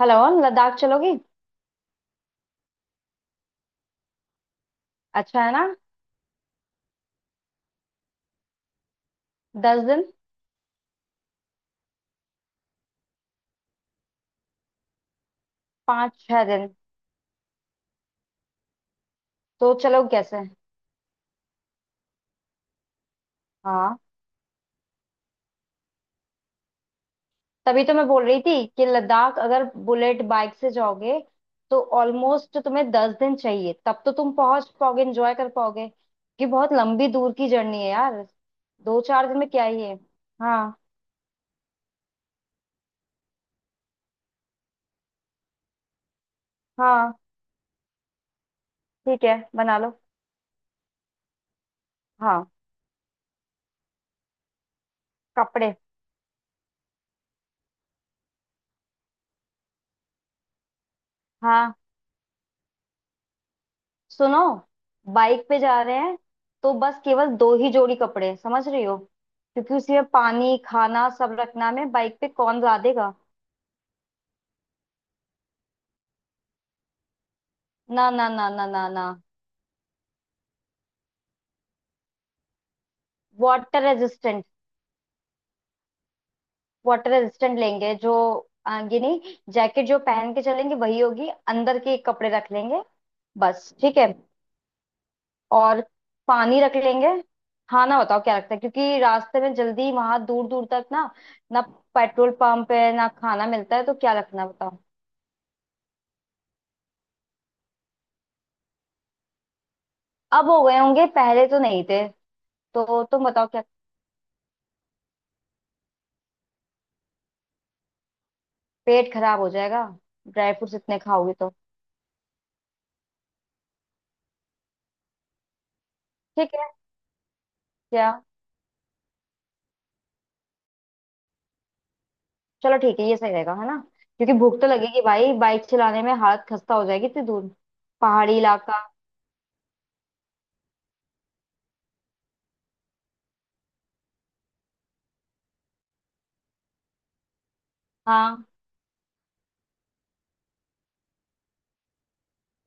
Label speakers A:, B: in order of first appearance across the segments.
A: Hello. Ladakh चलोगी? अच्छा है ना। 10 दिन। 5-6 दिन। तो चलो, कैसे? हाँ, तभी तो मैं बोल रही थी कि लद्दाख अगर बुलेट बाइक से जाओगे तो ऑलमोस्ट तुम्हें 10 दिन चाहिए, तब तो तुम पहुंच पाओगे, एंजॉय कर पाओगे, क्योंकि बहुत लंबी दूर की जर्नी है यार। दो चार दिन में क्या ही है। हाँ। हाँ, ठीक है, बना लो। हाँ, कपड़े। हाँ, सुनो, बाइक पे जा रहे हैं, तो बस केवल दो ही जोड़ी कपड़े, समझ रही हो? क्योंकि उसमें पानी, खाना सब रखना, में बाइक पे कौन ला देगा। ना ना ना ना ना ना। Water resistant. वाटर रेजिस्टेंट लेंगे जो। ये नहीं, जैकेट जो पहन के चलेंगे वही होगी, अंदर के कपड़े रख लेंगे। बस ठीक है। और पानी रख लेंगे। खाना बताओ क्या रखता है, क्योंकि रास्ते में जल्दी वहां दूर दूर तक ना। ना। पेट्रोल पंप है ना, खाना मिलता है, तो क्या रखना है बताओ। अब हो गए होंगे, पहले तो नहीं थे। तो तुम बताओ क्या। पेट खराब हो जाएगा, ड्राई फ्रूट्स इतने खाओगे तो। ठीक है। क्या? चलो ठीक है, ये सही रहेगा, है ना? क्योंकि भूख तो लगेगी भाई, बाइक चलाने में हालत खस्ता हो जाएगी इतनी दूर। पहाड़ी इलाका। हाँ।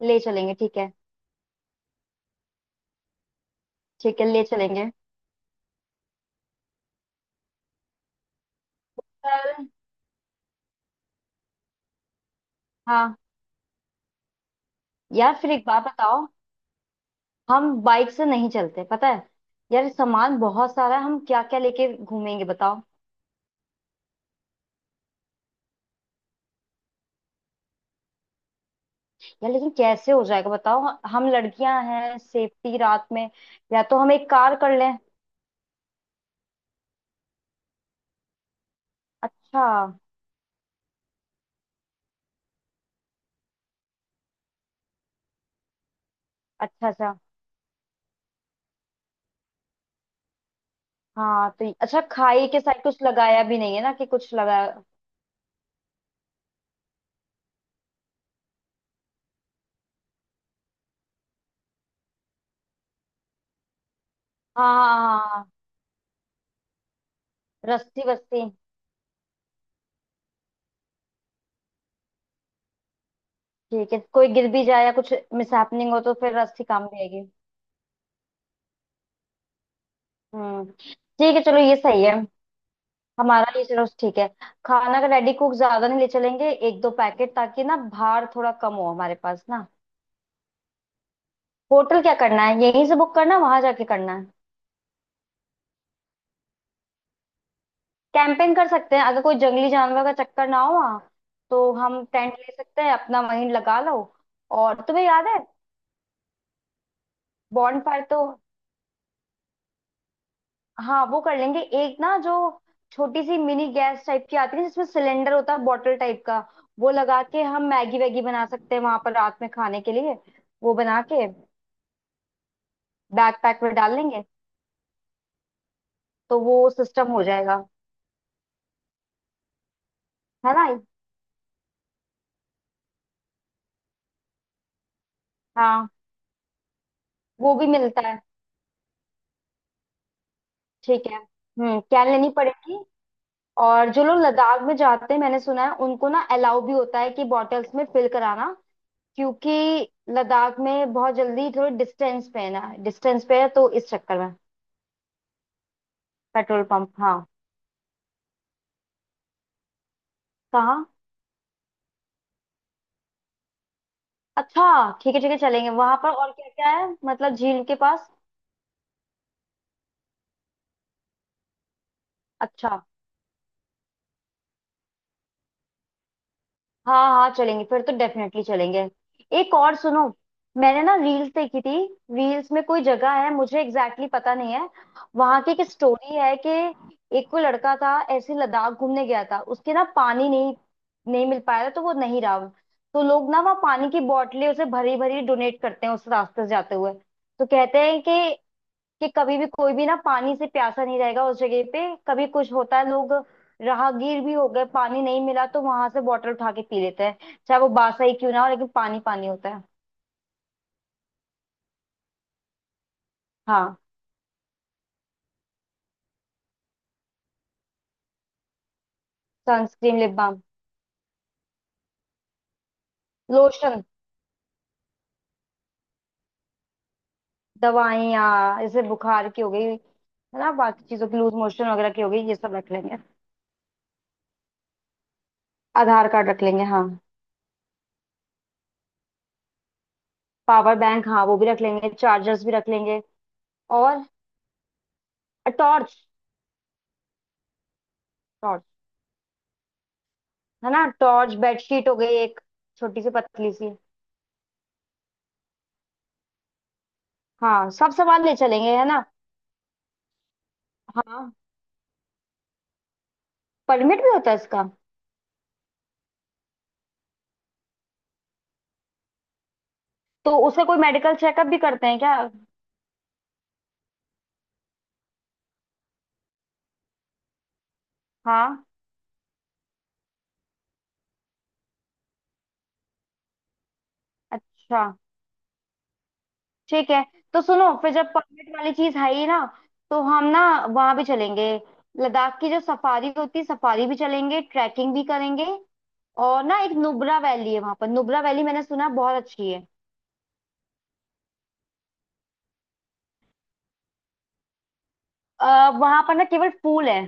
A: ले चलेंगे, ठीक है। ठीक है, ले चलेंगे। चल। हाँ। यार फिर एक बात बताओ, हम बाइक से नहीं चलते, पता है। यार सामान बहुत सारा है, हम क्या क्या लेके घूमेंगे बताओ। यार लेकिन कैसे हो जाएगा बताओ? हम लड़कियां हैं, सेफ्टी, रात में। या तो हम एक कार कर लें। अच्छा अच्छा। अच्छा, हाँ, तो अच्छा खाई के साइड कुछ लगाया भी नहीं है ना, कि कुछ लगाया? हाँ हाँ हाँ हाँ, हाँ। रस्सी वस्सी। ठीक है, कोई गिर भी जाए या कुछ मिसहैपनिंग हो, तो फिर रस्सी काम भी आएगी। हम्म। ठीक है, चलो, ये सही है। हमारा ये, चलो ठीक है। खाना का रेडी कुक ज्यादा नहीं ले चलेंगे, एक दो पैकेट, ताकि ना भार थोड़ा कम हो हमारे पास ना। होटल क्या करना है, यहीं से बुक करना है वहां जाके करना है? कैंपिंग कर सकते हैं अगर कोई जंगली जानवर का चक्कर ना हो वहाँ। तो हम टेंट ले सकते हैं, अपना वहीं लगा लो। और तुम्हें याद है? बॉन्ड फायर तो। हाँ, वो कर लेंगे। एक ना जो छोटी सी मिनी गैस टाइप की आती है, जिसमें सिलेंडर होता है बॉटल टाइप का, वो लगा के हम मैगी वैगी बना सकते हैं वहां पर रात में खाने के लिए। वो बना के बैग पैक में डाल लेंगे। तो वो सिस्टम हो जाएगा। है ना। हाँ, वो भी मिलता है। ठीक है। हम्म, क्या लेनी पड़ेगी? और जो लोग लद्दाख में जाते हैं, मैंने सुना है उनको ना अलाउ भी होता है कि बॉटल्स में फिल कराना, क्योंकि लद्दाख में बहुत जल्दी, थोड़े डिस्टेंस पे है ना, डिस्टेंस पे है, तो इस चक्कर में पेट्रोल पंप, हाँ। कहाँ? अच्छा, ठीक है ठीक है, चलेंगे वहां पर, और क्या क्या है मतलब झील के पास? अच्छा, हाँ हाँ, चलेंगे फिर, तो डेफिनेटली चलेंगे। एक और सुनो, मैंने ना रील्स देखी थी। रील्स में कोई जगह है, मुझे एग्जैक्टली exactly पता नहीं है, वहां की एक स्टोरी है कि एक कोई लड़का था, ऐसे लद्दाख घूमने गया था, उसके ना पानी नहीं, नहीं मिल पाया था तो वो नहीं रहा। तो लोग ना वहाँ पानी की बोतलें उसे भरी भरी डोनेट करते हैं उस रास्ते से जाते हुए। तो कहते हैं कि कभी भी कोई भी ना पानी से प्यासा नहीं रहेगा उस जगह पे। कभी कुछ होता है, लोग राहगीर भी हो गए, पानी नहीं मिला, तो वहां से बॉटल उठा के पी लेते हैं, चाहे वो बासा ही क्यों ना हो, लेकिन पानी पानी होता है। हाँ। Sunscreen, lip balm. लोशन। दवाइयाँ जैसे बुखार की हो गई है ना, बाकी चीजों की, लूज मोशन वगैरह की हो गई, ये सब रख लेंगे। आधार कार्ड रख लेंगे, हाँ। पावर बैंक, हाँ, वो भी रख लेंगे, चार्जर्स भी रख लेंगे। और टॉर्च। टॉर्च। है ना टॉर्च, बेडशीट हो गई एक छोटी सी पतली सी। हाँ, सब सामान ले चलेंगे, है ना। हाँ, परमिट भी होता है इसका। तो उसका कोई मेडिकल चेकअप भी करते हैं क्या? हाँ। अच्छा, ठीक है। तो सुनो, फिर जब परमिट वाली चीज है ही ना, तो हम ना वहां भी चलेंगे, लद्दाख की जो सफारी होती है, सफारी भी चलेंगे, ट्रैकिंग भी करेंगे। और ना एक नुब्रा वैली है वहां पर, नुब्रा वैली मैंने सुना है बहुत अच्छी है। वहां पर ना केवल फूल है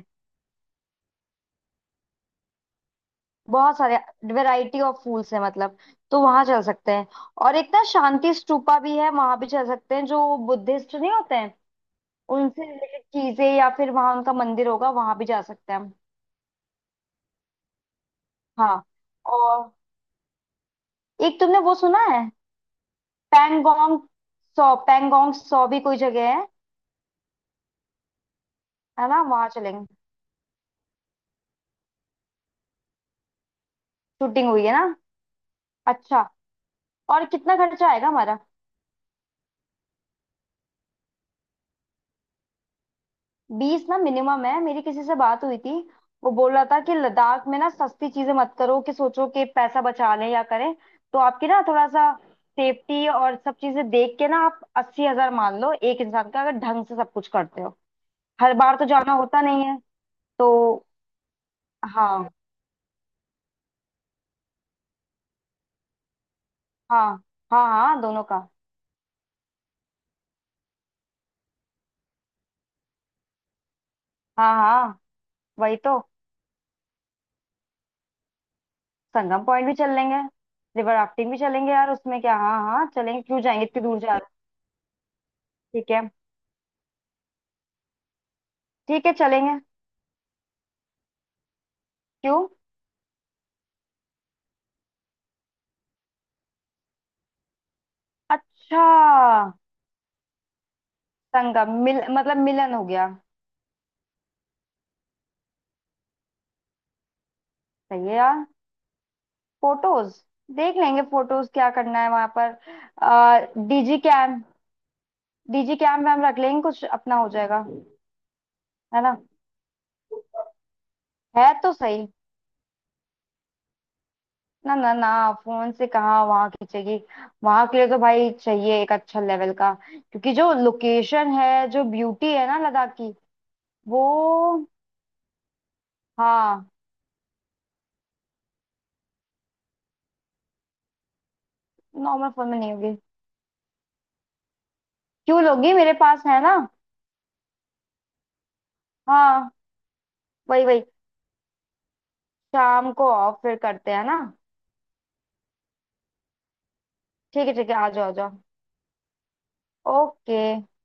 A: बहुत सारे, वैरायटी ऑफ फूल्स है मतलब, तो वहां चल सकते हैं। और एक ना शांति स्तूपा भी है, वहां भी चल सकते हैं, जो बुद्धिस्ट नहीं होते हैं उनसे रिलेटेड चीजें, या फिर वहां उनका मंदिर होगा, वहां भी जा सकते हैं हम। हाँ। और एक तुमने वो सुना है? पैंगोंग सौ, पैंगोंग सौ भी कोई जगह है? है ना, वहां चलेंगे, शूटिंग हुई है ना? अच्छा। और कितना खर्चा आएगा हमारा? 20 ना मिनिमम है, मेरी किसी से बात हुई थी। वो बोल रहा था कि लद्दाख में ना सस्ती चीजें मत करो, कि सोचो कि पैसा बचा लें या करें, तो आपकी ना थोड़ा सा सेफ्टी और सब चीजें देख के ना, आप 80,000 मान लो एक इंसान का, अगर ढंग से सब कुछ करते हो। हर बार तो जाना होता नहीं है। तो हाँ। हाँ हाँ हाँ दोनों का। हाँ। हाँ, वही तो। संगम पॉइंट भी चल लेंगे, रिवर राफ्टिंग भी चलेंगे यार, उसमें क्या, हाँ हाँ चलेंगे, क्यों जाएंगे इतनी दूर जा रहे हैं। ठीक है। ठीक है, चलेंगे। क्यों? अच्छा, संगम, मिल मतलब मिलन हो गया। सही है यार। फोटोज, देख लेंगे फोटोज क्या करना है वहां पर। आ, डीजी कैम्प। डीजी कैम्प में हम रख लेंगे कुछ, अपना हो जाएगा। है ना। है तो सही। ना ना ना, फोन से कहाँ वहां खींचेगी। वहां के लिए तो भाई चाहिए एक अच्छा लेवल का, क्योंकि जो लोकेशन है, जो ब्यूटी है ना लद्दाख की, वो। हाँ। नॉर्मल फोन में नहीं होगी। क्यों लोगी, मेरे पास है ना। हाँ। वही वही। शाम को ऑफ फिर करते हैं ना। ठीक है ठीक है। आ जाओ आ जाओ। ओके।